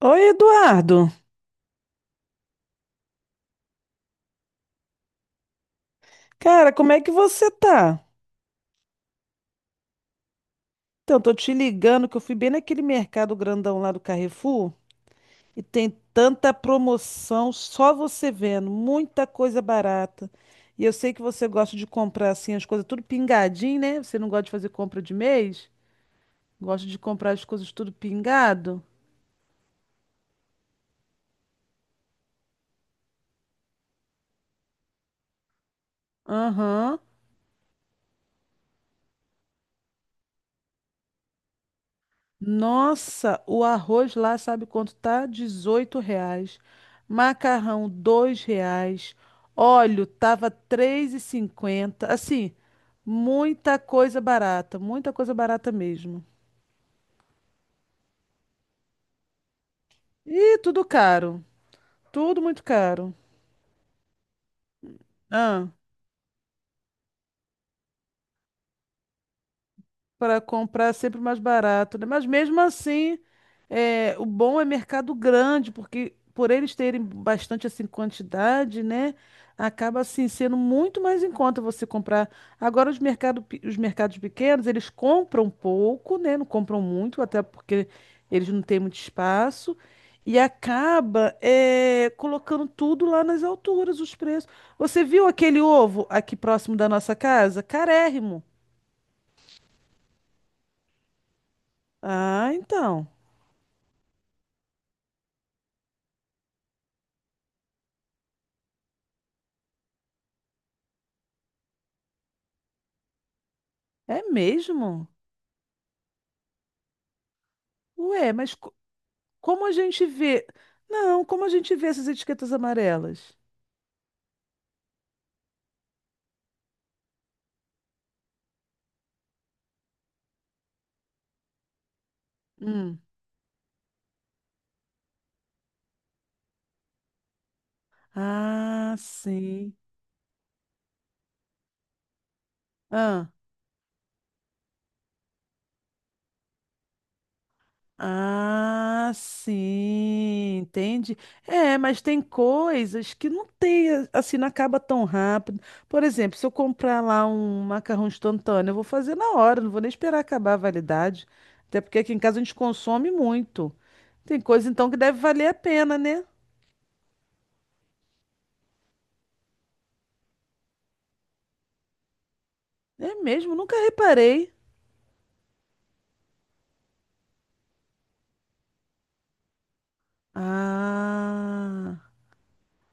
Oi, Eduardo. Cara, como é que você tá? Então, tô te ligando que eu fui bem naquele mercado grandão lá do Carrefour e tem tanta promoção, só você vendo, muita coisa barata. E eu sei que você gosta de comprar assim as coisas tudo pingadinho, né? Você não gosta de fazer compra de mês? Gosta de comprar as coisas tudo pingado? Aham. Nossa, o arroz lá sabe quanto tá? R$ 18. Macarrão, R$ 2. Óleo tava 3,50. Assim, muita coisa barata mesmo. E tudo caro, tudo muito caro. Para comprar é sempre mais barato, né? Mas mesmo assim, o bom é mercado grande, porque por eles terem bastante assim quantidade, né? Acaba assim sendo muito mais em conta você comprar. Agora os mercados pequenos, eles compram pouco, né? Não compram muito, até porque eles não têm muito espaço. E acaba colocando tudo lá nas alturas, os preços. Você viu aquele ovo aqui próximo da nossa casa? Carérrimo. Ah, então. É mesmo? Ué, mas como a gente vê? Não, como a gente vê essas etiquetas amarelas? Hum. Ah, sim. Ah, ah, sim, entende? É, mas tem coisas que não tem, assim, não acaba tão rápido. Por exemplo, se eu comprar lá um macarrão instantâneo, eu vou fazer na hora, não vou nem esperar acabar a validade. Até porque aqui em casa a gente consome muito. Tem coisa então que deve valer a pena, né? É mesmo, nunca reparei. Ah,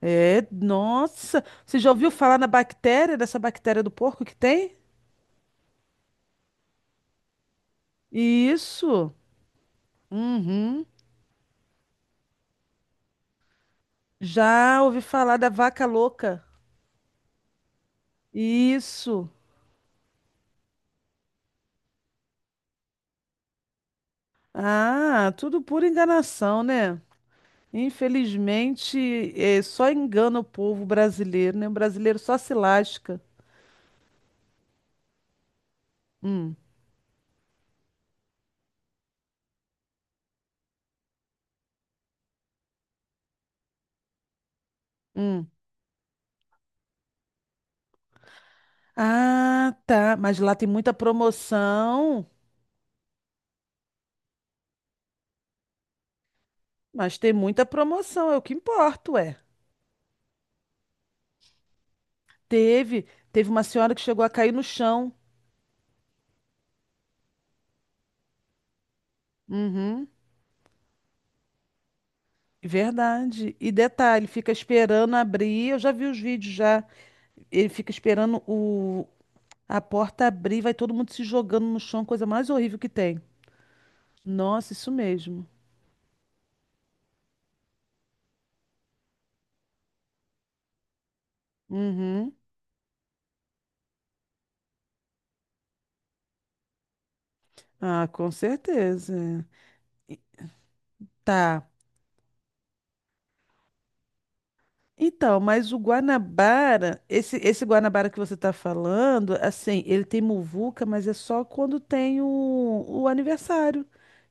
é. Nossa, você já ouviu falar na bactéria, dessa bactéria do porco que tem? Isso. Uhum. Já ouvi falar da vaca louca. Isso. Ah, tudo pura enganação, né? Infelizmente, é, só engana o povo brasileiro, né? O brasileiro só se lasca. Hum, hum. Ah, tá. Mas lá tem muita promoção. Mas tem muita promoção, é o que importa, ué. Teve, teve uma senhora que chegou a cair no chão. Uhum, verdade. E detalhe, fica esperando abrir. Eu já vi os vídeos já. Ele fica esperando o a porta abrir, vai todo mundo se jogando no chão, coisa mais horrível que tem. Nossa, isso mesmo. Uhum. Ah, com certeza. Tá. Então, mas o Guanabara, esse Guanabara que você está falando, assim, ele tem muvuca, mas é só quando tem o aniversário,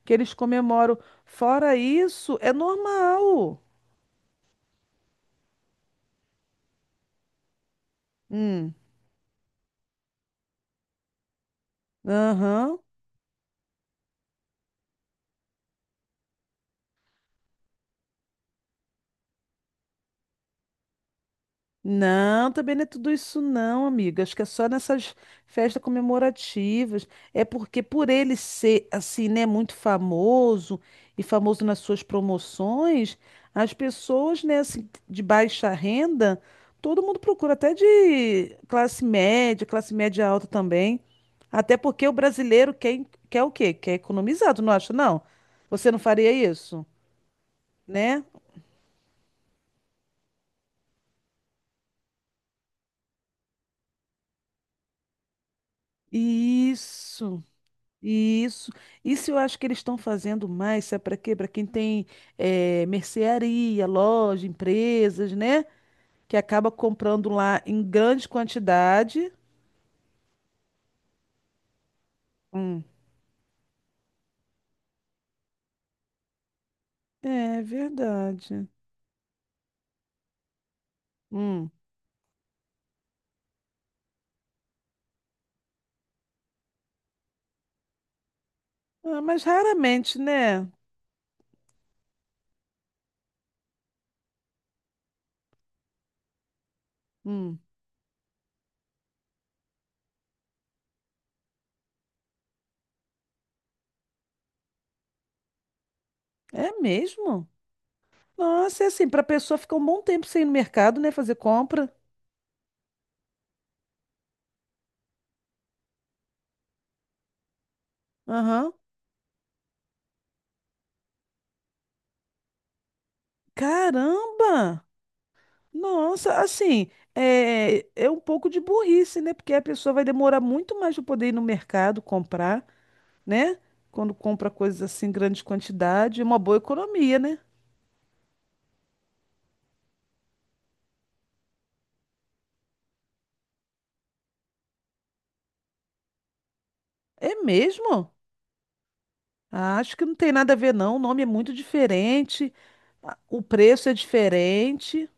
que eles comemoram. Fora isso, é normal. Hum, aham. Não, também não é tudo isso não, amiga. Acho que é só nessas festas comemorativas. É porque por ele ser assim, né, muito famoso e famoso nas suas promoções, as pessoas, né, assim, de baixa renda, todo mundo procura, até de classe média alta também. Até porque o brasileiro quer, quer o quê? Quer economizar, tu não acha, não? Você não faria isso, né? Isso. Isso. Isso eu acho que eles estão fazendo mais, sabe para quê? Para quem tem mercearia, loja, empresas, né? Que acaba comprando lá em grande quantidade. Hum. É verdade. Hum. Ah, mas raramente, né? Hum. É mesmo? Nossa, é assim, para pessoa ficar um bom tempo sem ir no mercado, né? Fazer compra. Aham. Caramba! Nossa, assim, é, é um pouco de burrice, né? Porque a pessoa vai demorar muito mais para poder ir no mercado comprar, né? Quando compra coisas assim, em grande quantidade, é uma boa economia, né? É mesmo? Ah, acho que não tem nada a ver, não. O nome é muito diferente, o preço é diferente.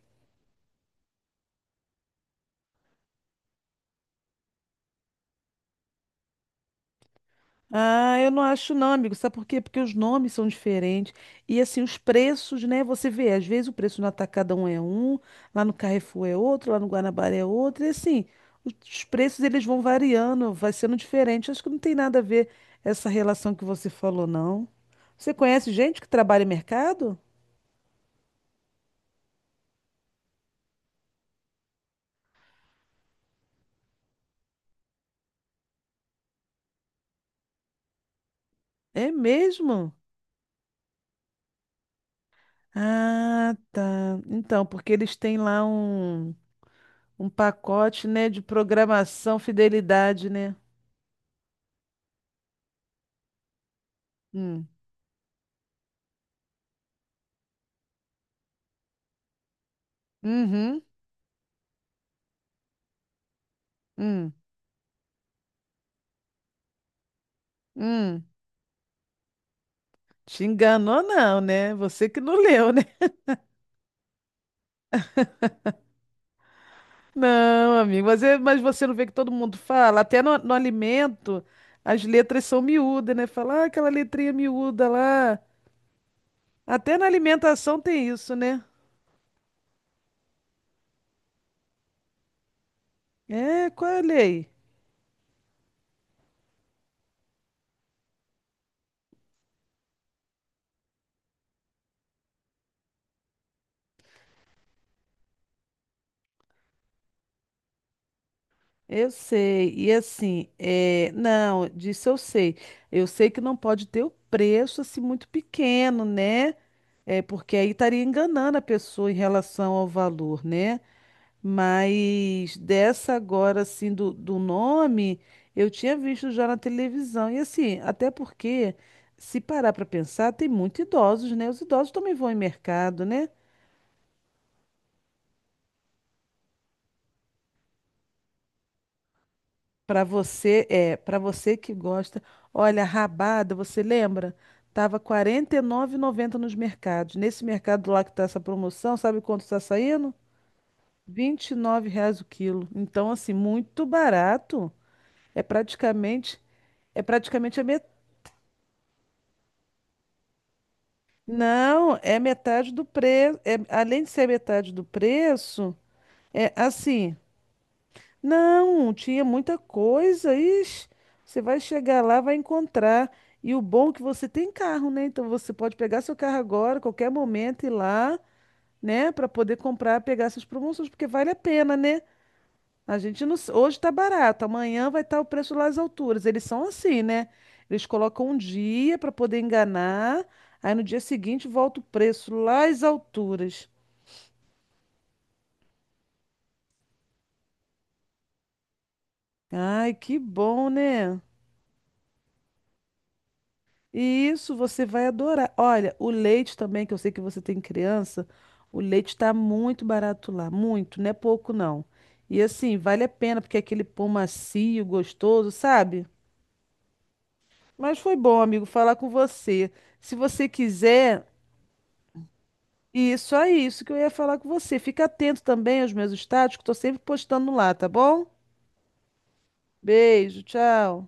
Ah, eu não acho não, amigo. Sabe por quê? Porque os nomes são diferentes. E assim, os preços, né? Você vê, às vezes o preço no Atacadão é um, lá no Carrefour é outro, lá no Guanabara é outro. E assim, os preços eles vão variando, vai sendo diferente. Acho que não tem nada a ver essa relação que você falou, não. Você conhece gente que trabalha em mercado? É mesmo? Ah, tá. Então, porque eles têm lá um pacote, né, de programação, fidelidade, né? Hum. Uhum. Hum, hum. Te enganou não, né? Você que não leu, né? Não, amigo, mas, mas você não vê que todo mundo fala? Até no alimento, as letras são miúdas, né? Fala, ah, aquela letrinha miúda lá. Até na alimentação tem isso, né? É, qual é a lei? Eu sei, e assim, é, não, disso eu sei. Eu sei que não pode ter o preço assim muito pequeno, né? É, porque aí estaria enganando a pessoa em relação ao valor, né? Mas dessa agora, assim, do nome, eu tinha visto já na televisão. E assim, até porque, se parar para pensar, tem muitos idosos, né? Os idosos também vão em mercado, né? Para você, é, para você que gosta. Olha, rabada, você lembra? Tava R$ 49,90 nos mercados. Nesse mercado lá que tá essa promoção, sabe quanto está saindo? R$ 9 reais o quilo. Então, assim, muito barato. É praticamente, é praticamente a metade. Não, é metade do preço. É, além de ser metade do preço, é assim. Não, tinha muita coisa. Ixi, você vai chegar lá, vai encontrar. E o bom é que você tem carro, né? Então você pode pegar seu carro agora, qualquer momento, ir lá, né, para poder comprar, pegar essas promoções, porque vale a pena, né? A gente não, s- hoje tá barato, amanhã vai estar o preço lá às alturas. Eles são assim, né? Eles colocam um dia para poder enganar, aí no dia seguinte volta o preço lá às alturas. Ai, que bom, né? E isso você vai adorar. Olha, o leite também, que eu sei que você tem criança, o leite está muito barato lá, muito, não é pouco não. E assim, vale a pena, porque é aquele pão macio, gostoso, sabe? Mas foi bom, amigo, falar com você. Se você quiser, isso é isso que eu ia falar com você. Fica atento também aos meus status, que estou sempre postando lá, tá bom? Beijo, tchau.